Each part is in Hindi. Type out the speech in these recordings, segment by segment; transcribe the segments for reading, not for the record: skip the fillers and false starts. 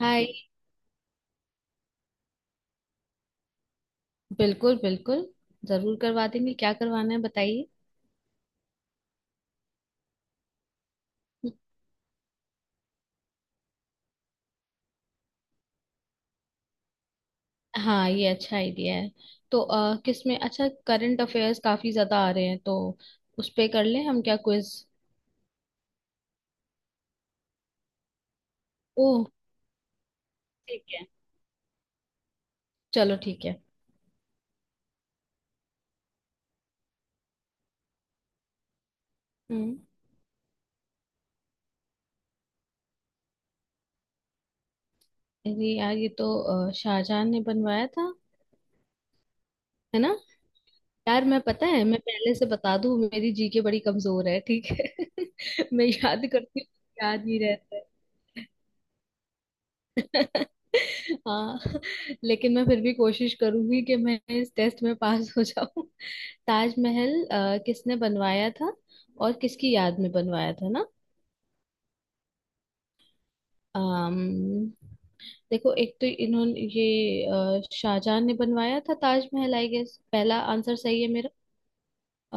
हाय। बिल्कुल बिल्कुल, जरूर करवा देंगे, क्या करवाना है बताइए? हाँ, ये अच्छा आइडिया है। तो किस में अच्छा करंट अफेयर्स काफी ज्यादा आ रहे हैं, तो उस पे कर लें हम, क्या क्विज? ओह, ठीक है, चलो ठीक है। हम्म। अरे यार, ये तो शाहजहां ने बनवाया था, है ना? यार मैं, पता है, मैं पहले से बता दूं, मेरी जीके बड़ी कमजोर है, ठीक है। मैं याद करती हूँ, याद नहीं रहता है। हाँ, लेकिन मैं फिर भी कोशिश करूंगी कि मैं इस टेस्ट में पास हो जाऊं। ताजमहल किसने बनवाया था, और किसकी याद में बनवाया था ना? अम्म, देखो, एक तो इन्होंने ये शाहजहां ने बनवाया था ताजमहल, आई गेस पहला आंसर सही है मेरा। अ,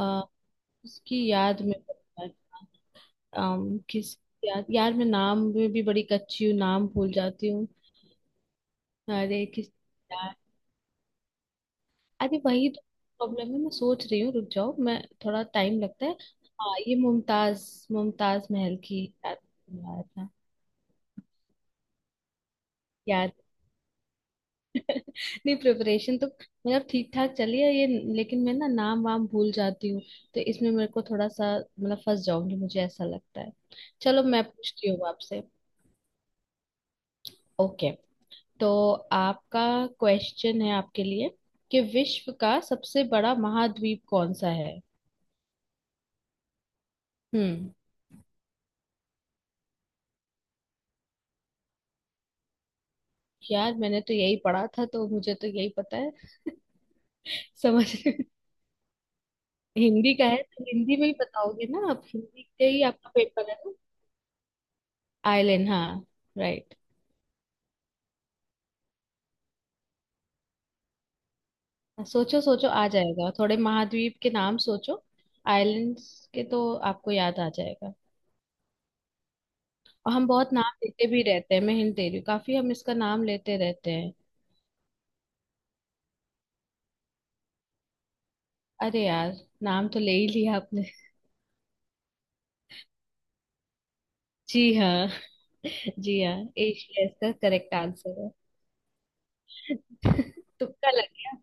उसकी याद में बनवाया। अम्म, किस। याद, यार मैं नाम में भी बड़ी कच्ची हूँ, नाम भूल जाती हूँ। अरे किस। अरे वही तो प्रॉब्लम है, मैं सोच रही हूँ, रुक जाओ, मैं थोड़ा टाइम लगता है। हाँ, ये मुमताज मुमताज महल की याद दिला था। याद नहीं, प्रिपरेशन तो मतलब ठीक ठाक चली है ये, लेकिन मैं ना नाम वाम भूल जाती हूँ, तो इसमें मेरे को थोड़ा सा मतलब फंस जाऊंगी, मुझे ऐसा लगता है। चलो मैं पूछती हूँ आपसे। ओके। तो आपका क्वेश्चन है आपके लिए, कि विश्व का सबसे बड़ा महाद्वीप कौन सा है? हम्म। यार मैंने तो यही पढ़ा था, तो मुझे तो यही पता है। समझ रहे? हिंदी का है तो हिंदी में ही बताओगे ना आप, हिंदी के ही आपका पेपर है ना? आइलैंड, हाँ, राइट। सोचो सोचो, आ जाएगा, थोड़े महाद्वीप के नाम सोचो, आइलैंड्स के तो आपको याद आ जाएगा। और हम बहुत नाम लेते भी रहते हैं, मैं हिंट दे रही हूँ, काफी हम इसका नाम लेते रहते हैं। अरे यार, नाम तो ले ही लिया आपने। जी हाँ। जी हाँ, एशिया इसका करेक्ट आंसर है। तुक्का लग गया।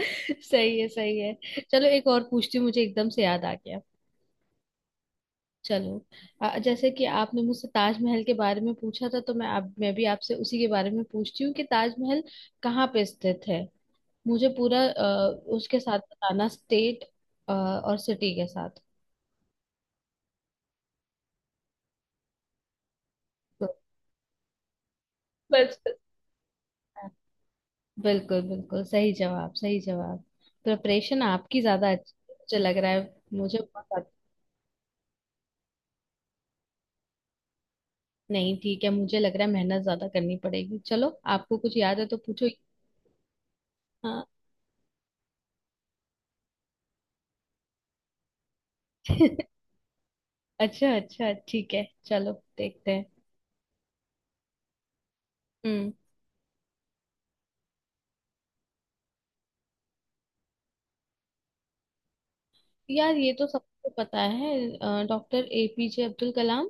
सही है सही है। चलो एक और पूछती हूँ, मुझे एकदम से याद आ गया। चलो, जैसे कि आपने मुझसे ताजमहल के बारे में पूछा था, तो मैं भी आपसे उसी के बारे में पूछती हूँ कि ताजमहल कहाँ पे स्थित है? मुझे पूरा उसके साथ बताना, स्टेट और सिटी के साथ। तो- बस बस, बिल्कुल बिल्कुल सही जवाब, सही जवाब। प्रिपरेशन आपकी ज्यादा अच्छी है, मुझे लग रहा है, मुझे बहुत। नहीं ठीक है, मुझे लग रहा है मेहनत ज्यादा करनी पड़ेगी। चलो, आपको कुछ याद है तो पूछो। हाँ। अच्छा अच्छा ठीक है, चलो देखते हैं। हम्म। यार ये तो सबको पता है, डॉक्टर एपीजे अब्दुल कलाम।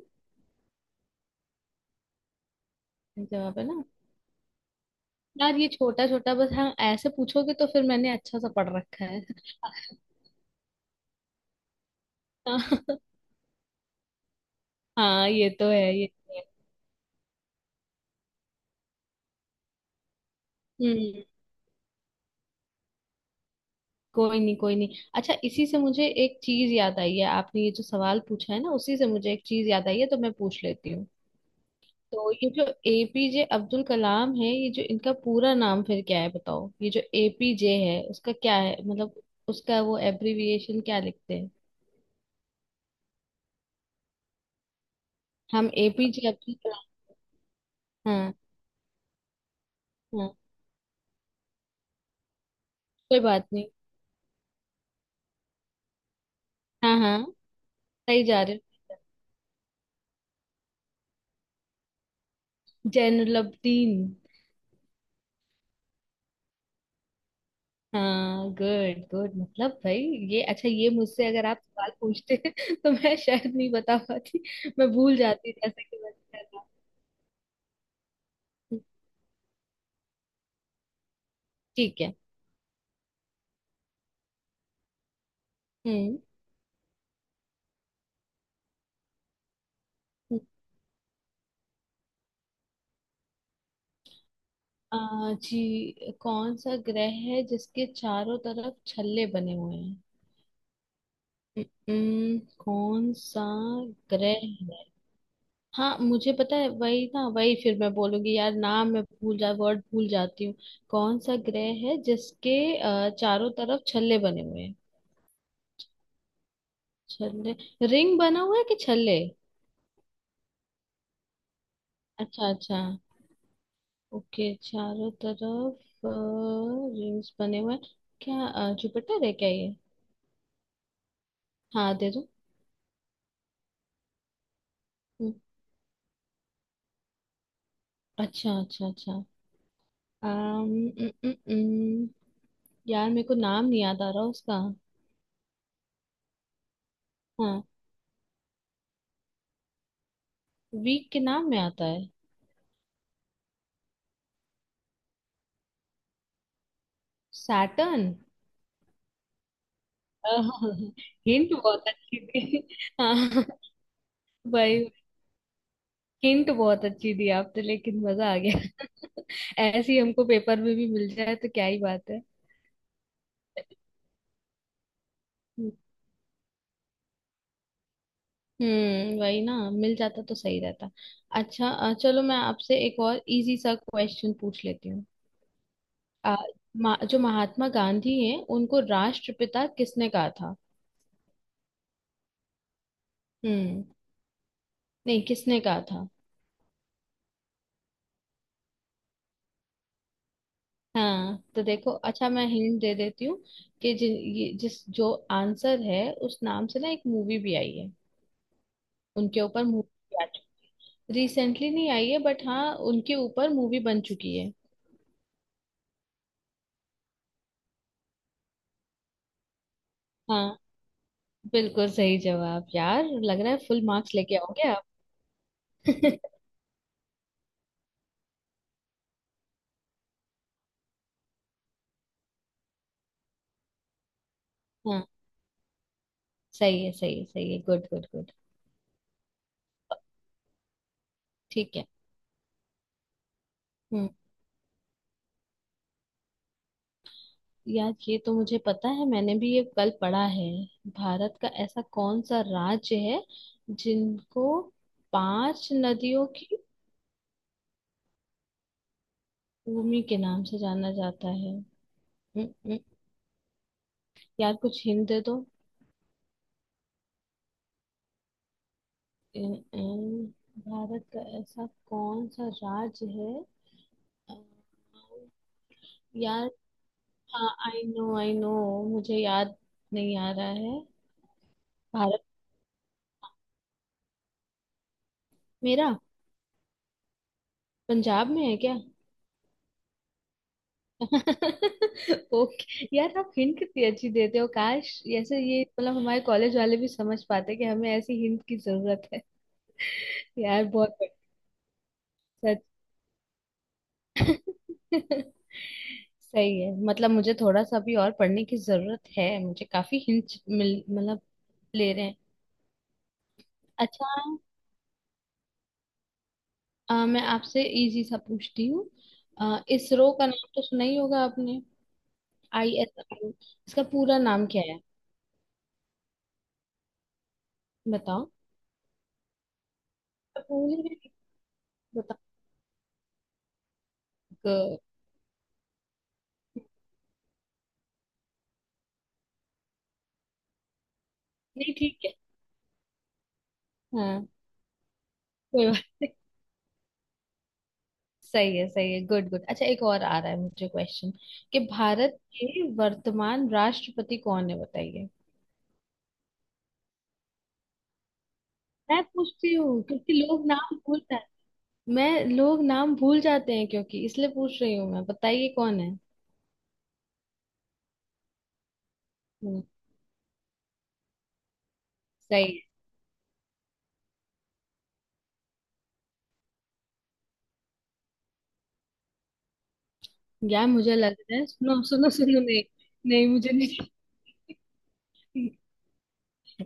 जवाब है ना यार, ये छोटा छोटा बस, हाँ ऐसे पूछोगे तो फिर मैंने अच्छा सा पढ़ रखा है। हाँ, ये तो है ये तो है। हम्म। कोई नहीं कोई नहीं, अच्छा इसी से मुझे एक चीज याद आई है, आपने ये जो सवाल पूछा है ना, उसी से मुझे एक चीज याद आई है, तो मैं पूछ लेती हूँ। तो ये जो एपीजे अब्दुल कलाम है, ये जो इनका पूरा नाम फिर क्या है बताओ, ये जो एपीजे है उसका क्या है मतलब, उसका वो एब्रिविएशन क्या लिखते हैं? हम एपीजे अब्दुल कलाम। हाँ हाँ, कोई बात नहीं। हाँ हाँ, सही जा रहे हो। जैनुलब्दीन। हाँ गुड गुड, मतलब भाई ये अच्छा, ये मुझसे अगर आप सवाल पूछते तो मैं शायद नहीं बता पाती। मैं भूल जाती, जैसा कि मैं कर रहा हूँ। ठीक है। हम्म। हम्म। आ, जी कौन सा ग्रह है जिसके चारों तरफ छल्ले बने हुए हैं? कौन सा ग्रह है? हाँ मुझे पता है, वही ना वही, फिर मैं बोलूंगी, यार नाम मैं भूल जा वर्ड भूल जाती हूँ। कौन सा ग्रह है जिसके चारों तरफ छल्ले बने हुए हैं? छल्ले, रिंग बना हुआ है कि छल्ले? अच्छा अच्छा, ओके चारों तरफ रिंग्स बने हुए हैं, क्या जुपिटर है क्या ये? हाँ दे दो। हम्म, अच्छा अच्छा अच्छा। अम्म, उम, उम, उम, यार मेरे को नाम नहीं याद आ रहा उसका। हाँ, वीक के नाम में आता है। सैटर्न। हिंट बहुत अच्छी थी। हाँ भाई, हिंट बहुत अच्छी दी आपने, लेकिन मजा आ गया। ऐसी हमको पेपर में भी मिल जाए तो क्या ही बात है। हम्म, वही ना, मिल जाता तो सही रहता। अच्छा, चलो मैं आपसे एक और इजी सा क्वेश्चन पूछ लेती हूँ। अ, जो महात्मा गांधी हैं उनको राष्ट्रपिता किसने कहा था? हम्म। नहीं, किसने कहा था? हाँ, तो देखो, अच्छा मैं हिंट दे देती हूँ कि जि, ये, जिस जो आंसर है, उस नाम से ना एक मूवी भी आई है, उनके ऊपर मूवी आ चुकी। रिसेंटली नहीं आई है, बट हाँ उनके ऊपर मूवी बन चुकी है। हाँ, बिल्कुल सही जवाब यार, लग रहा है फुल मार्क्स लेके आओगे आप। हाँ, सही है सही है सही है, गुड गुड गुड। ठीक है। हम्म। यार ये तो मुझे पता है, मैंने भी ये कल पढ़ा है। भारत का ऐसा कौन सा राज्य है जिनको पांच नदियों की भूमि के नाम से जाना जाता है? हम्म, हम्म। यार कुछ हिंट दे दो। अ, अ, भारत का ऐसा कौन सा राज्य है? अ, यार, हाँ आई नो आई नो, मुझे याद नहीं आ रहा है। भारत मेरा, पंजाब में है क्या? ओके यार, आप हिंट कितनी अच्छी देते हो, काश ऐसे ये मतलब हमारे कॉलेज वाले भी समझ पाते कि हमें ऐसी हिंट की जरूरत है। यार बहुत बढ़िया, सच सही है, मतलब मुझे थोड़ा सा भी और पढ़ने की जरूरत है, मुझे काफी हिंट मिल मतलब ले रहे हैं। अच्छा, मैं आपसे इजी सा पूछती हूँ। इसरो का नाम तो सुना ही होगा आपने, ISRO। इसका पूरा नाम क्या है? बताओ पूरी, बताओ। नहीं ठीक, हाँ कोई बात- सही है सही है, गुड गुड। अच्छा एक और आ रहा है मुझे क्वेश्चन, कि भारत के वर्तमान राष्ट्रपति कौन है बताइए? मैं पूछती हूँ क्योंकि लोग नाम भूल जाते हैं, मैं लोग नाम भूल जाते हैं क्योंकि इसलिए पूछ रही हूँ, मैं बताइए कौन है? हम्म, सही है। यार मुझे लग रहा है, सुनो सुनो सुनो। नहीं, नहीं मुझे नहीं,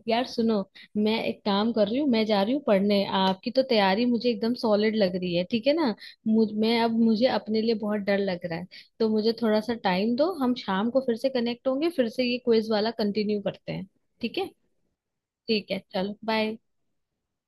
यार सुनो, मैं एक काम कर रही हूँ, मैं जा रही हूँ पढ़ने, आपकी तो तैयारी मुझे एकदम सॉलिड लग रही है, ठीक है ना? मुझ मैं अब मुझे अपने लिए बहुत डर लग रहा है, तो मुझे थोड़ा सा टाइम दो, हम शाम को फिर से कनेक्ट होंगे, फिर से ये क्विज वाला कंटिन्यू करते हैं। ठीक है ठीक है, चलो बाय।